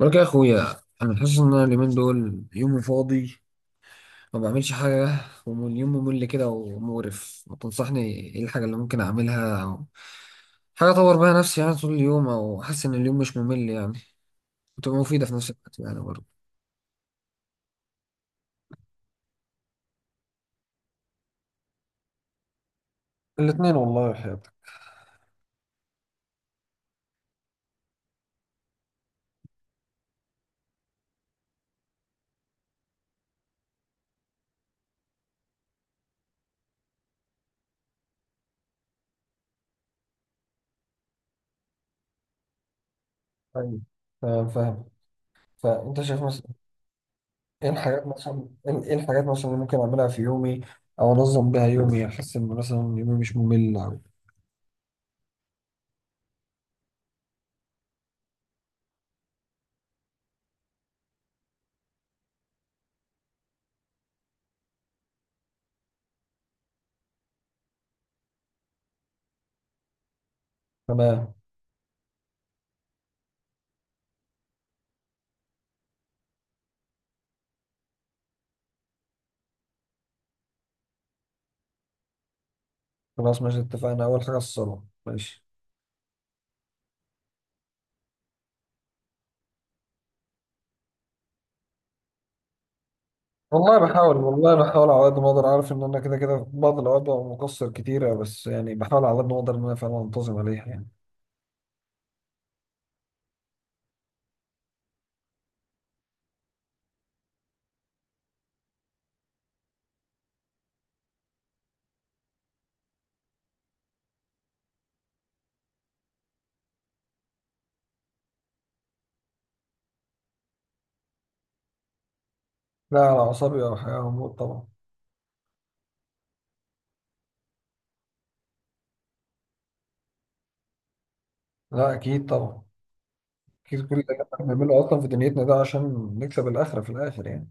بقولك يا اخويا، انا حاسس ان انا اليومين دول يومي فاضي، ما بعملش حاجه. واليوم ممل كده ومقرف، ما تنصحني ايه الحاجه اللي ممكن اعملها او حاجه اطور بيها نفسي يعني طول اليوم، او احس ان اليوم مش ممل يعني وتبقى مفيده في نفس الوقت يعني برضه. الاثنين والله يا حياتك. ايوه، تمام، فاهم. فانت شايف مثلا. ايه الحاجات مثلا ايه إيه الحاجات مثلا اللي ممكن اعملها في يومي، او انظم بيها يومي احس ان مثلا يومي مش ممل أوي. تمام. خلاص ماشي، اتفقنا، اول حاجه الصلاه، ماشي. والله بحاول، والله بحاول على قد ما اقدر، عارف ان انا كده كده في بعض الاوقات ببقى مقصر كتيره، بس يعني بحاول على قد ما اقدر ان انا فعلا انتظم عليها يعني. لا، على اعصابي او حاجه هموت طبعا. لا، اكيد طبعا، اكيد كل اللي احنا بنعمله اصلا في دنيتنا ده عشان نكسب الاخره في الاخر يعني.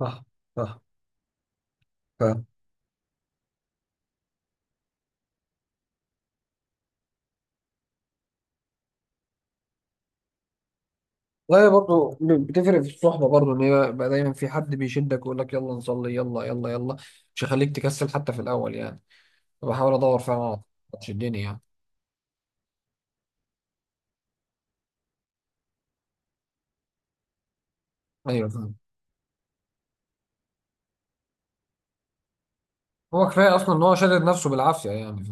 صح، صح، فاهم. والله برضه بتفرق في الصحبه برضه، ان هي بقى دايما في حد بيشدك ويقول لك يلا نصلي يلا يلا يلا، مش هيخليك تكسل حتى في الاول يعني. فبحاول ادور فعلا على حد تشدني يعني. ايوه، فاهم. هو كفايه اصلا ان هو شادد نفسه بالعافيه يعني.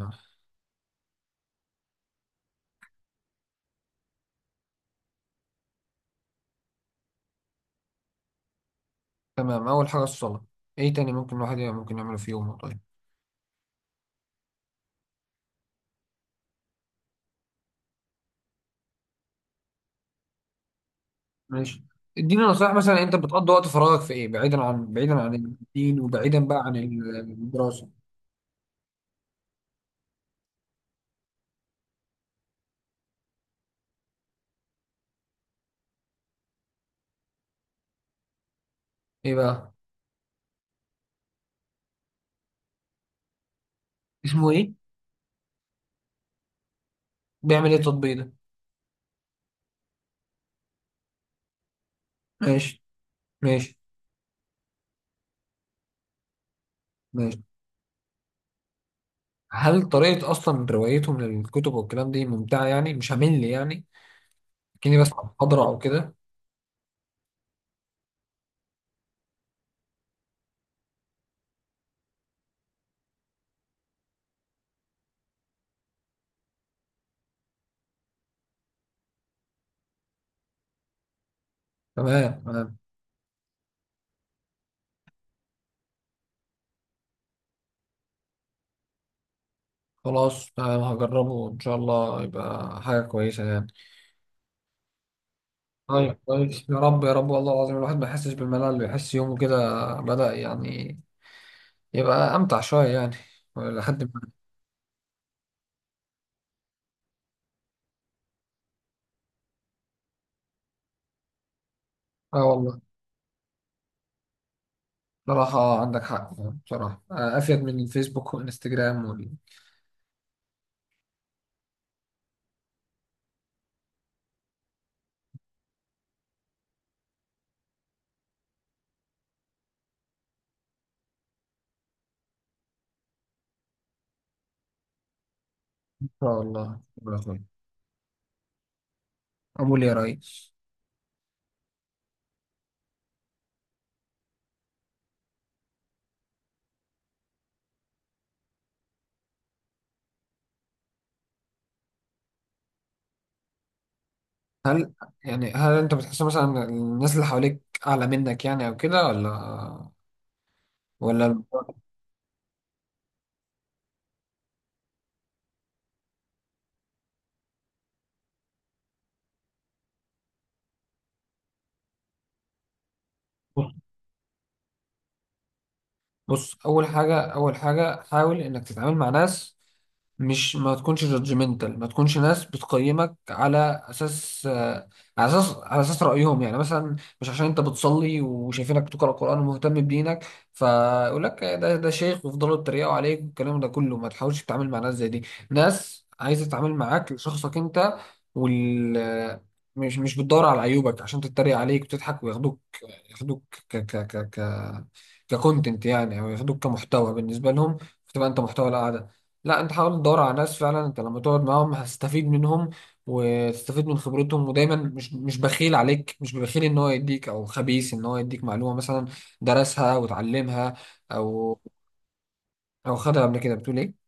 تمام، اول حاجه الصلاه. ايه تاني ممكن الواحد ممكن يعمله في يومه؟ طيب. ماشي. اديني نصائح مثلا، انت بتقضي وقت فراغك في ايه بعيدا عن الدين، وبعيدا بقى عن الدراسه؟ ايه بقى؟ اسمه ايه؟ بيعمل ايه التطبيق ده؟ ماشي، ماشي. ماشي. هل طريقه اصلا روايتهم للكتب والكلام دي ممتعه يعني، مش همل يعني، كني بس محاضره او كده؟ تمام، تمام. خلاص تمام، هجربه ان شاء الله، يبقى حاجه كويسه يعني. طيب كويس، يا رب يا رب، والله العظيم الواحد ما يحسش بالملل، يحس يومه كده بدأ يعني، يبقى أمتع شوية يعني لحد ما. اه والله. بصراحة، عندك حق يعني، بصراحة، أفيد من الفيسبوك والإنستجرام وال. إن شاء الله ربنا يخليك. أقول يا ريس. هل يعني أنت بتحس مثلا إن الناس اللي حواليك أعلى منك يعني أو كده؟ ولا. بص، اول حاجه حاول انك تتعامل مع ناس، مش، ما تكونش جادجمنتال، ما تكونش ناس بتقيمك على اساس رايهم يعني مثلا. مش عشان انت بتصلي وشايفينك بتقرا قران ومهتم بدينك، فيقول لك ده شيخ، ويفضلوا يتريقوا عليك والكلام ده كله، ما تحاولش تتعامل مع ناس زي دي. ناس عايزه تتعامل معاك لشخصك انت. وال مش بتدور على عيوبك عشان تتريق عليك وتضحك وياخدوك، ياخدوك ك ك ك ك ككونتنت يعني، او ياخدوك كمحتوى بالنسبه لهم، فتبقى انت محتوى القعده. لا، انت حاول تدور على ناس فعلا انت لما تقعد معاهم هتستفيد منهم، وتستفيد من خبرتهم، ودايما مش بخيل عليك، مش بخيل ان هو يديك، او خبيث ان هو يديك معلومه مثلا درسها وتعلمها، او خدها قبل كده، بتقول ايه؟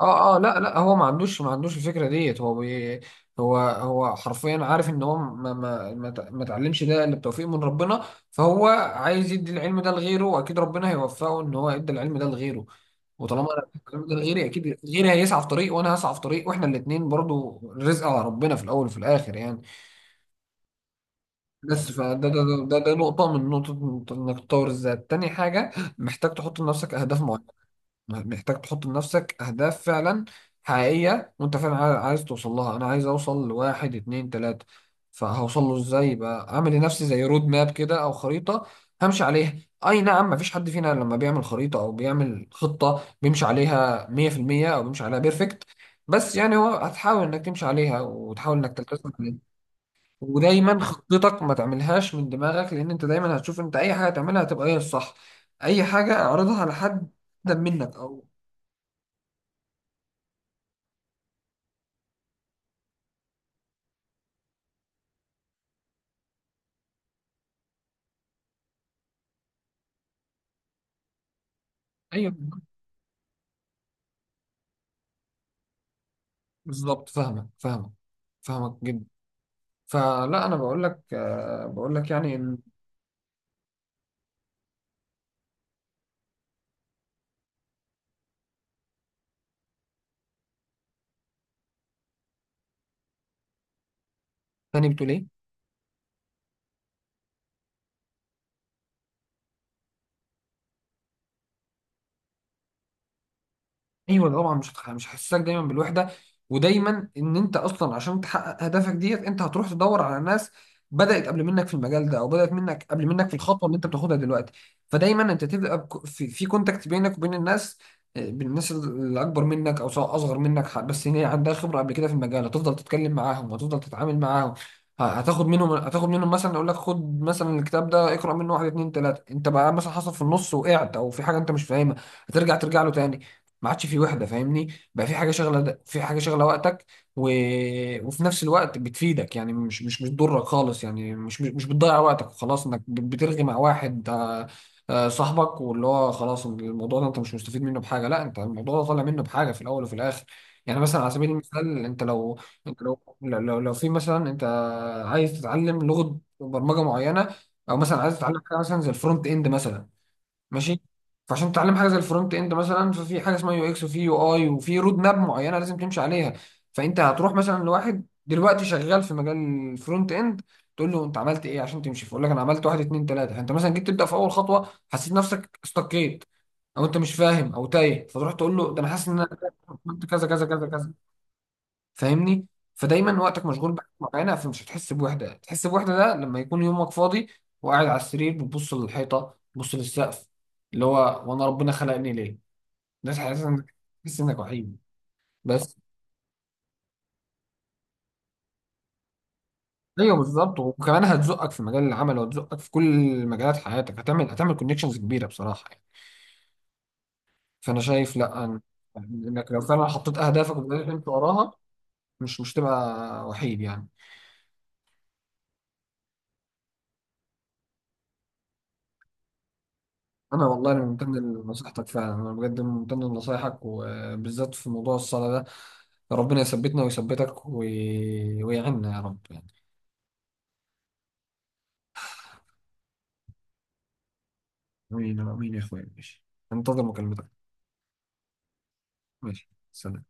اه اه، لا لا، هو ما عندوش الفكره ديت، هو حرفيا عارف ان هو ما اتعلمش ده الا بتوفيق من ربنا. فهو عايز يدي العلم ده لغيره، واكيد ربنا هيوفقه ان هو يدي العلم ده لغيره. وطالما انا اديت العلم ده لغيري، اكيد غيري هيسعى في طريق وانا هسعى في طريق، واحنا الاثنين برضو رزق على ربنا في الاول وفي الاخر يعني. بس فده ده ده ده, ده نقطه من نقطه انك تطور الذات. تاني حاجه محتاج تحط لنفسك اهداف معينه، محتاج تحط لنفسك أهداف فعلا حقيقية، وأنت فعلا عايز توصل لها. أنا عايز أوصل لواحد اتنين تلاتة، فهوصل له إزاي؟ بقى أعمل لنفسي زي رود ماب كده أو خريطة همشي عليها. أي نعم، مفيش حد فينا لما بيعمل خريطة أو بيعمل خطة بيمشي عليها 100% أو بيمشي عليها بيرفكت، بس يعني هو هتحاول إنك تمشي عليها وتحاول إنك تلتزم عليها. ودايما خطتك ما تعملهاش من دماغك، لأن أنت دايما هتشوف أنت أي حاجة تعملها هتبقى هي الصح، أي حاجة اعرضها على حد أقدم منك. ايوه بالظبط، فاهمك، فاهمك، فاهمك جدا. فلا، انا بقول لك يعني ان. تاني بتقول ايه؟ ايوه طبعا، مش هيحسسك دايما بالوحده، ودايما ان انت اصلا عشان تحقق هدفك ديت انت هتروح تدور على ناس بدات قبل منك في المجال ده، او بدات منك قبل منك في الخطوه اللي انت بتاخدها دلوقتي. فدايما انت تبقى في كونتاكت بينك وبين الناس، بين الناس اللي اكبر منك او سواء اصغر منك، بس هي عندها خبره قبل كده في المجال، هتفضل تتكلم معاهم هتفضل تتعامل معاهم. هتاخد منهم مثلا اقول لك خد مثلا الكتاب ده اقرا منه واحد اتنين تلاته، انت بقى مثلا حصل في النص وقعت او في حاجه انت مش فاهمها، هترجع ترجع له تاني. ما عادش في وحده، فاهمني، بقى في حاجه شغله وقتك. و... وفي نفس الوقت بتفيدك يعني، مش بتضرك خالص يعني، مش بتضيع وقتك وخلاص انك بترغي مع واحد، صاحبك، واللي هو خلاص الموضوع ده انت مش مستفيد منه بحاجه، لا، انت الموضوع ده طالع منه بحاجه في الاول وفي الاخر. يعني مثلا على سبيل المثال انت لو، انت لو في مثلا انت عايز تتعلم لغه برمجه معينه، او مثلا عايز تتعلم حاجه مثلا زي الفرونت اند مثلا. ماشي. فعشان تتعلم حاجه زي الفرونت اند مثلا ففي حاجه اسمها UX وفي UI وفي رود ماب معينه لازم تمشي عليها. فانت هتروح مثلا لواحد دلوقتي شغال في مجال الفرونت اند، تقول له انت عملت ايه عشان تمشي، فيقول لك انا عملت واحد اتنين تلاته. فانت مثلا جيت تبدا في اول خطوه حسيت نفسك استقيت، او انت مش فاهم او تايه، فتروح تقول له ده انا حاسس ان انا عملت كذا كذا كذا كذا، فاهمني. فدايما وقتك مشغول بحاجه معينه، فمش هتحس بوحده. تحس بوحده ده لما يكون يومك فاضي وقاعد على السرير بتبص للحيطه بتبص للسقف، اللي هو وانا ربنا خلقني ليه؟ ده تحس انك وحيد بس. ايوه بالظبط، وكمان هتزقك في مجال العمل وهتزقك في كل مجالات حياتك، هتعمل كونكشنز كبيره بصراحه يعني. فانا شايف لا، انك لو فعلا حطيت اهدافك وبدات تمشي وراها، مش تبقى وحيد يعني. انا والله انا ممتن لنصيحتك فعلا، انا بجد ممتن لنصايحك، وبالذات في موضوع الصلاه ده، ربنا يثبتنا ويثبتك ويعيننا يا رب يعني. امين امين يا اخويا، ماشي، انتظر مكالمتك. ماشي، سلام.